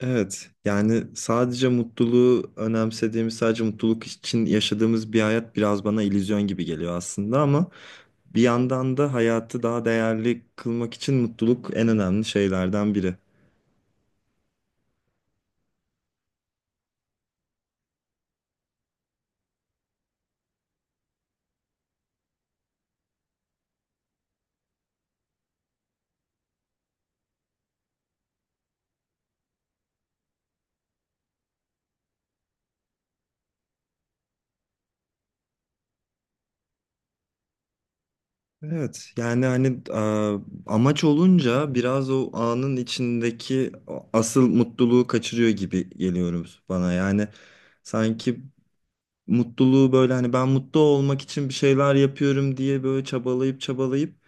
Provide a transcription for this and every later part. Evet, yani sadece mutluluğu önemsediğimiz, sadece mutluluk için yaşadığımız bir hayat biraz bana illüzyon gibi geliyor aslında, ama bir yandan da hayatı daha değerli kılmak için mutluluk en önemli şeylerden biri. Evet, yani hani amaç olunca biraz o anın içindeki o asıl mutluluğu kaçırıyor gibi geliyoruz bana. Yani sanki mutluluğu böyle hani ben mutlu olmak için bir şeyler yapıyorum diye böyle çabalayıp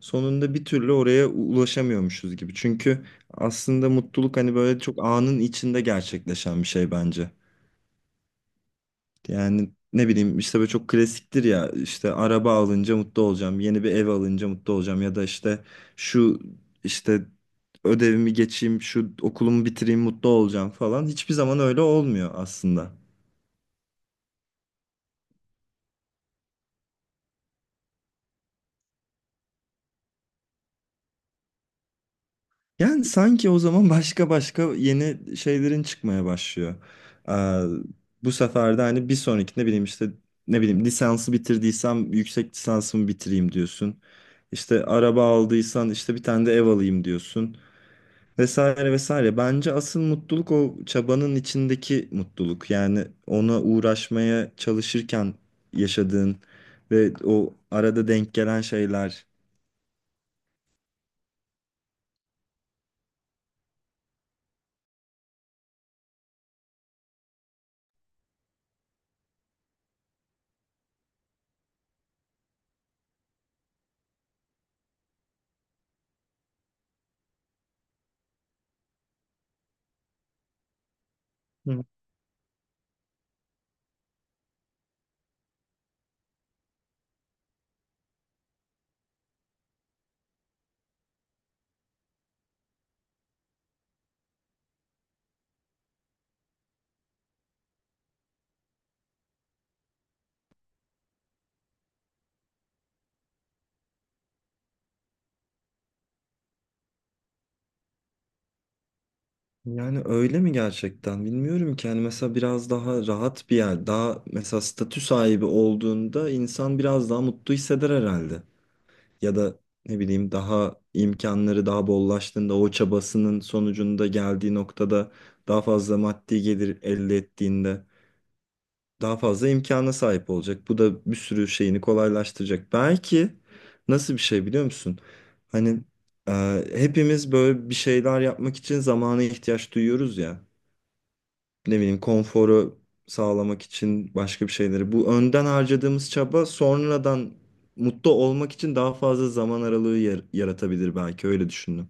sonunda bir türlü oraya ulaşamıyormuşuz gibi. Çünkü aslında mutluluk hani böyle çok anın içinde gerçekleşen bir şey bence. Yani ne bileyim işte böyle çok klasiktir ya, işte araba alınca mutlu olacağım, yeni bir ev alınca mutlu olacağım ya da işte şu işte ödevimi geçeyim, şu okulumu bitireyim mutlu olacağım falan. Hiçbir zaman öyle olmuyor aslında. Yani sanki o zaman başka başka yeni şeylerin çıkmaya başlıyor. Ee, Bu sefer de hani bir sonraki ne bileyim lisansı bitirdiysem yüksek lisansımı bitireyim diyorsun. İşte araba aldıysan işte bir tane de ev alayım diyorsun. Vesaire vesaire. Bence asıl mutluluk o çabanın içindeki mutluluk. Yani ona uğraşmaya çalışırken yaşadığın ve o arada denk gelen şeyler. Hı. Yani öyle mi gerçekten bilmiyorum ki. Yani mesela biraz daha rahat bir yer, daha mesela statü sahibi olduğunda insan biraz daha mutlu hisseder herhalde. Ya da ne bileyim daha imkanları daha bollaştığında, o çabasının sonucunda geldiği noktada daha fazla maddi gelir elde ettiğinde daha fazla imkana sahip olacak. Bu da bir sürü şeyini kolaylaştıracak. Belki nasıl bir şey biliyor musun? Hani hepimiz böyle bir şeyler yapmak için zamana ihtiyaç duyuyoruz ya, ne bileyim konforu sağlamak için başka bir şeyleri. Bu önden harcadığımız çaba sonradan mutlu olmak için daha fazla zaman aralığı yaratabilir belki, öyle düşündüm.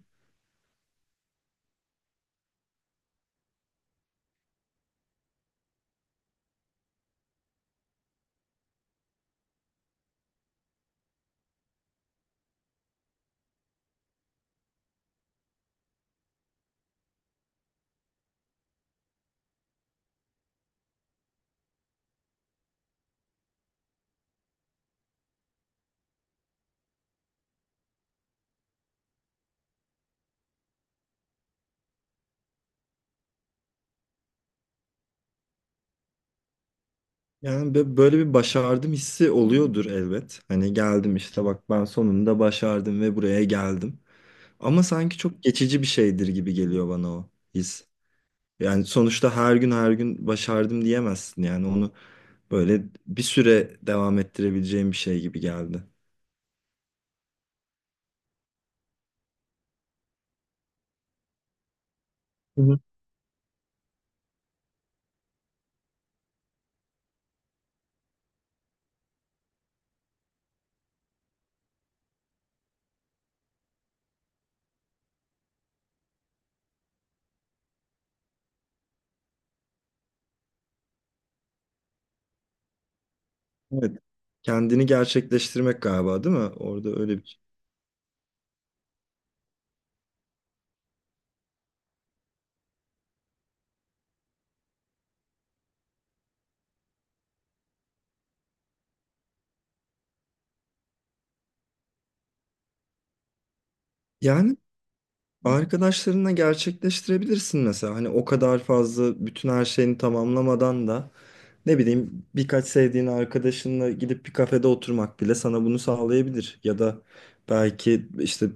Yani böyle bir başardım hissi oluyordur elbet. Hani geldim işte, bak ben sonunda başardım ve buraya geldim. Ama sanki çok geçici bir şeydir gibi geliyor bana o his. Yani sonuçta her gün başardım diyemezsin, yani onu böyle bir süre devam ettirebileceğim bir şey gibi geldi. Evet. Kendini gerçekleştirmek galiba, değil mi? Orada öyle bir şey. Yani arkadaşlarınla gerçekleştirebilirsin mesela. Hani o kadar fazla bütün her şeyini tamamlamadan da ne bileyim birkaç sevdiğin arkadaşınla gidip bir kafede oturmak bile sana bunu sağlayabilir. Ya da belki işte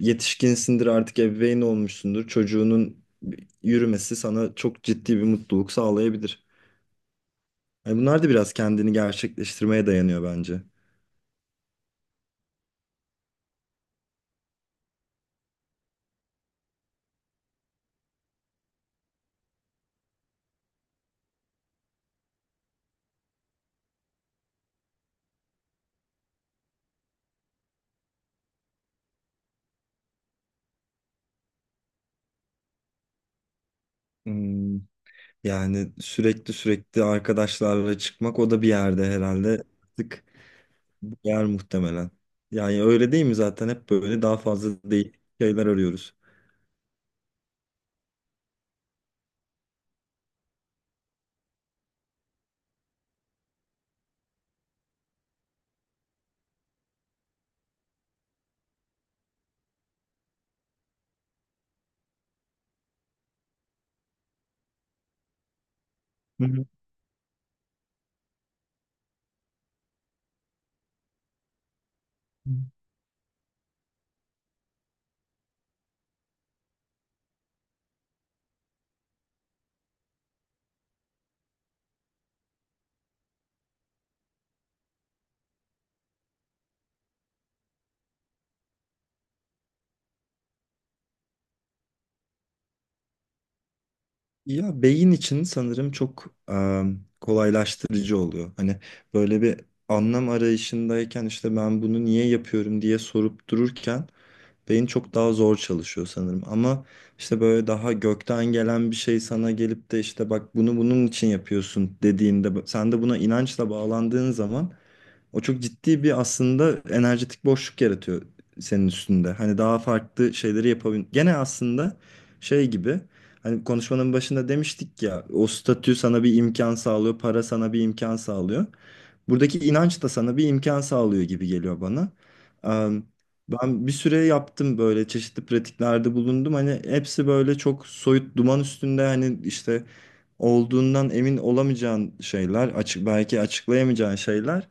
yetişkinsindir artık, ebeveyn olmuşsundur. Çocuğunun yürümesi sana çok ciddi bir mutluluk sağlayabilir. Yani bunlar da biraz kendini gerçekleştirmeye dayanıyor bence. Hmm. Yani sürekli arkadaşlarla çıkmak, o da bir yerde herhalde artık yer muhtemelen. Yani öyle değil mi zaten, hep böyle daha fazla değil şeyler arıyoruz. Hı hı. Ya beyin için sanırım çok kolaylaştırıcı oluyor. Hani böyle bir anlam arayışındayken, işte ben bunu niye yapıyorum diye sorup dururken beyin çok daha zor çalışıyor sanırım. Ama işte böyle daha gökten gelen bir şey sana gelip de işte bak bunu bunun için yapıyorsun dediğinde, sen de buna inançla bağlandığın zaman o çok ciddi bir aslında enerjetik boşluk yaratıyor senin üstünde. Hani daha farklı şeyleri yapabilir. Gene aslında şey gibi, hani konuşmanın başında demiştik ya, o statü sana bir imkan sağlıyor, para sana bir imkan sağlıyor. Buradaki inanç da sana bir imkan sağlıyor gibi geliyor bana. Em, Ben bir süre yaptım, böyle çeşitli pratiklerde bulundum. Hani hepsi böyle çok soyut, duman üstünde, hani işte olduğundan emin olamayacağın şeyler, açık belki açıklayamayacağın şeyler.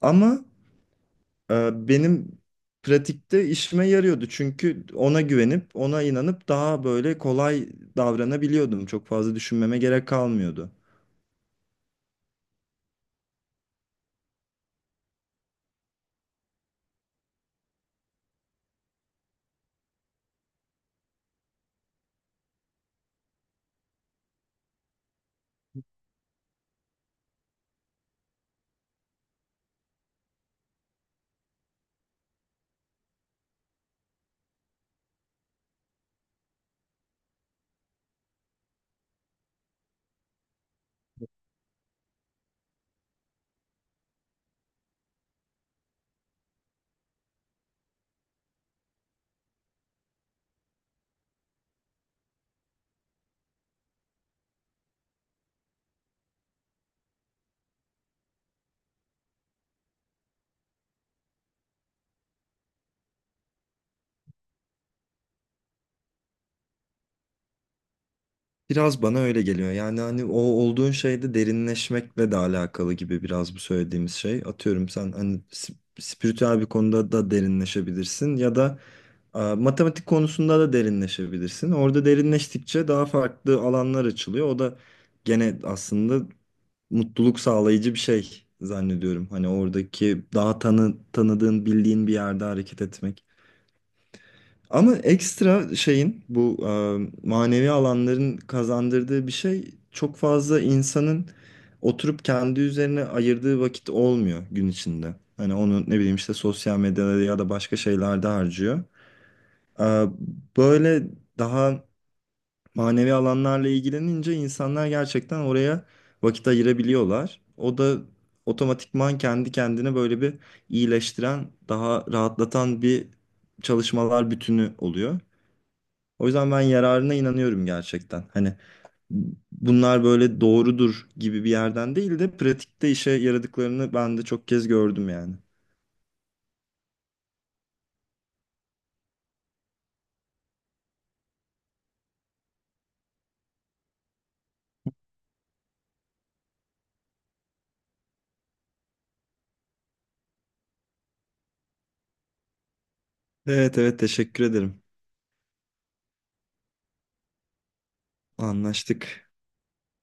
Ama benim pratikte işime yarıyordu. Çünkü ona güvenip, ona inanıp daha böyle kolay davranabiliyordum. Çok fazla düşünmeme gerek kalmıyordu. Biraz bana öyle geliyor. Yani hani o olduğun şeyde derinleşmekle de alakalı gibi biraz bu söylediğimiz şey. Atıyorum sen hani spiritüel bir konuda da derinleşebilirsin ya da matematik konusunda da derinleşebilirsin. Orada derinleştikçe daha farklı alanlar açılıyor. O da gene aslında mutluluk sağlayıcı bir şey zannediyorum. Hani oradaki daha tanıdığın, bildiğin bir yerde hareket etmek. Ama ekstra şeyin bu manevi alanların kazandırdığı bir şey, çok fazla insanın oturup kendi üzerine ayırdığı vakit olmuyor gün içinde. Hani onu ne bileyim işte sosyal medyada ya da başka şeylerde harcıyor. E, Böyle daha manevi alanlarla ilgilenince insanlar gerçekten oraya vakit ayırabiliyorlar. O da otomatikman kendi kendine böyle bir iyileştiren, daha rahatlatan bir çalışmalar bütünü oluyor. O yüzden ben yararına inanıyorum gerçekten. Hani bunlar böyle doğrudur gibi bir yerden değil de pratikte işe yaradıklarını ben de çok kez gördüm yani. Evet, evet, teşekkür ederim. Anlaştık.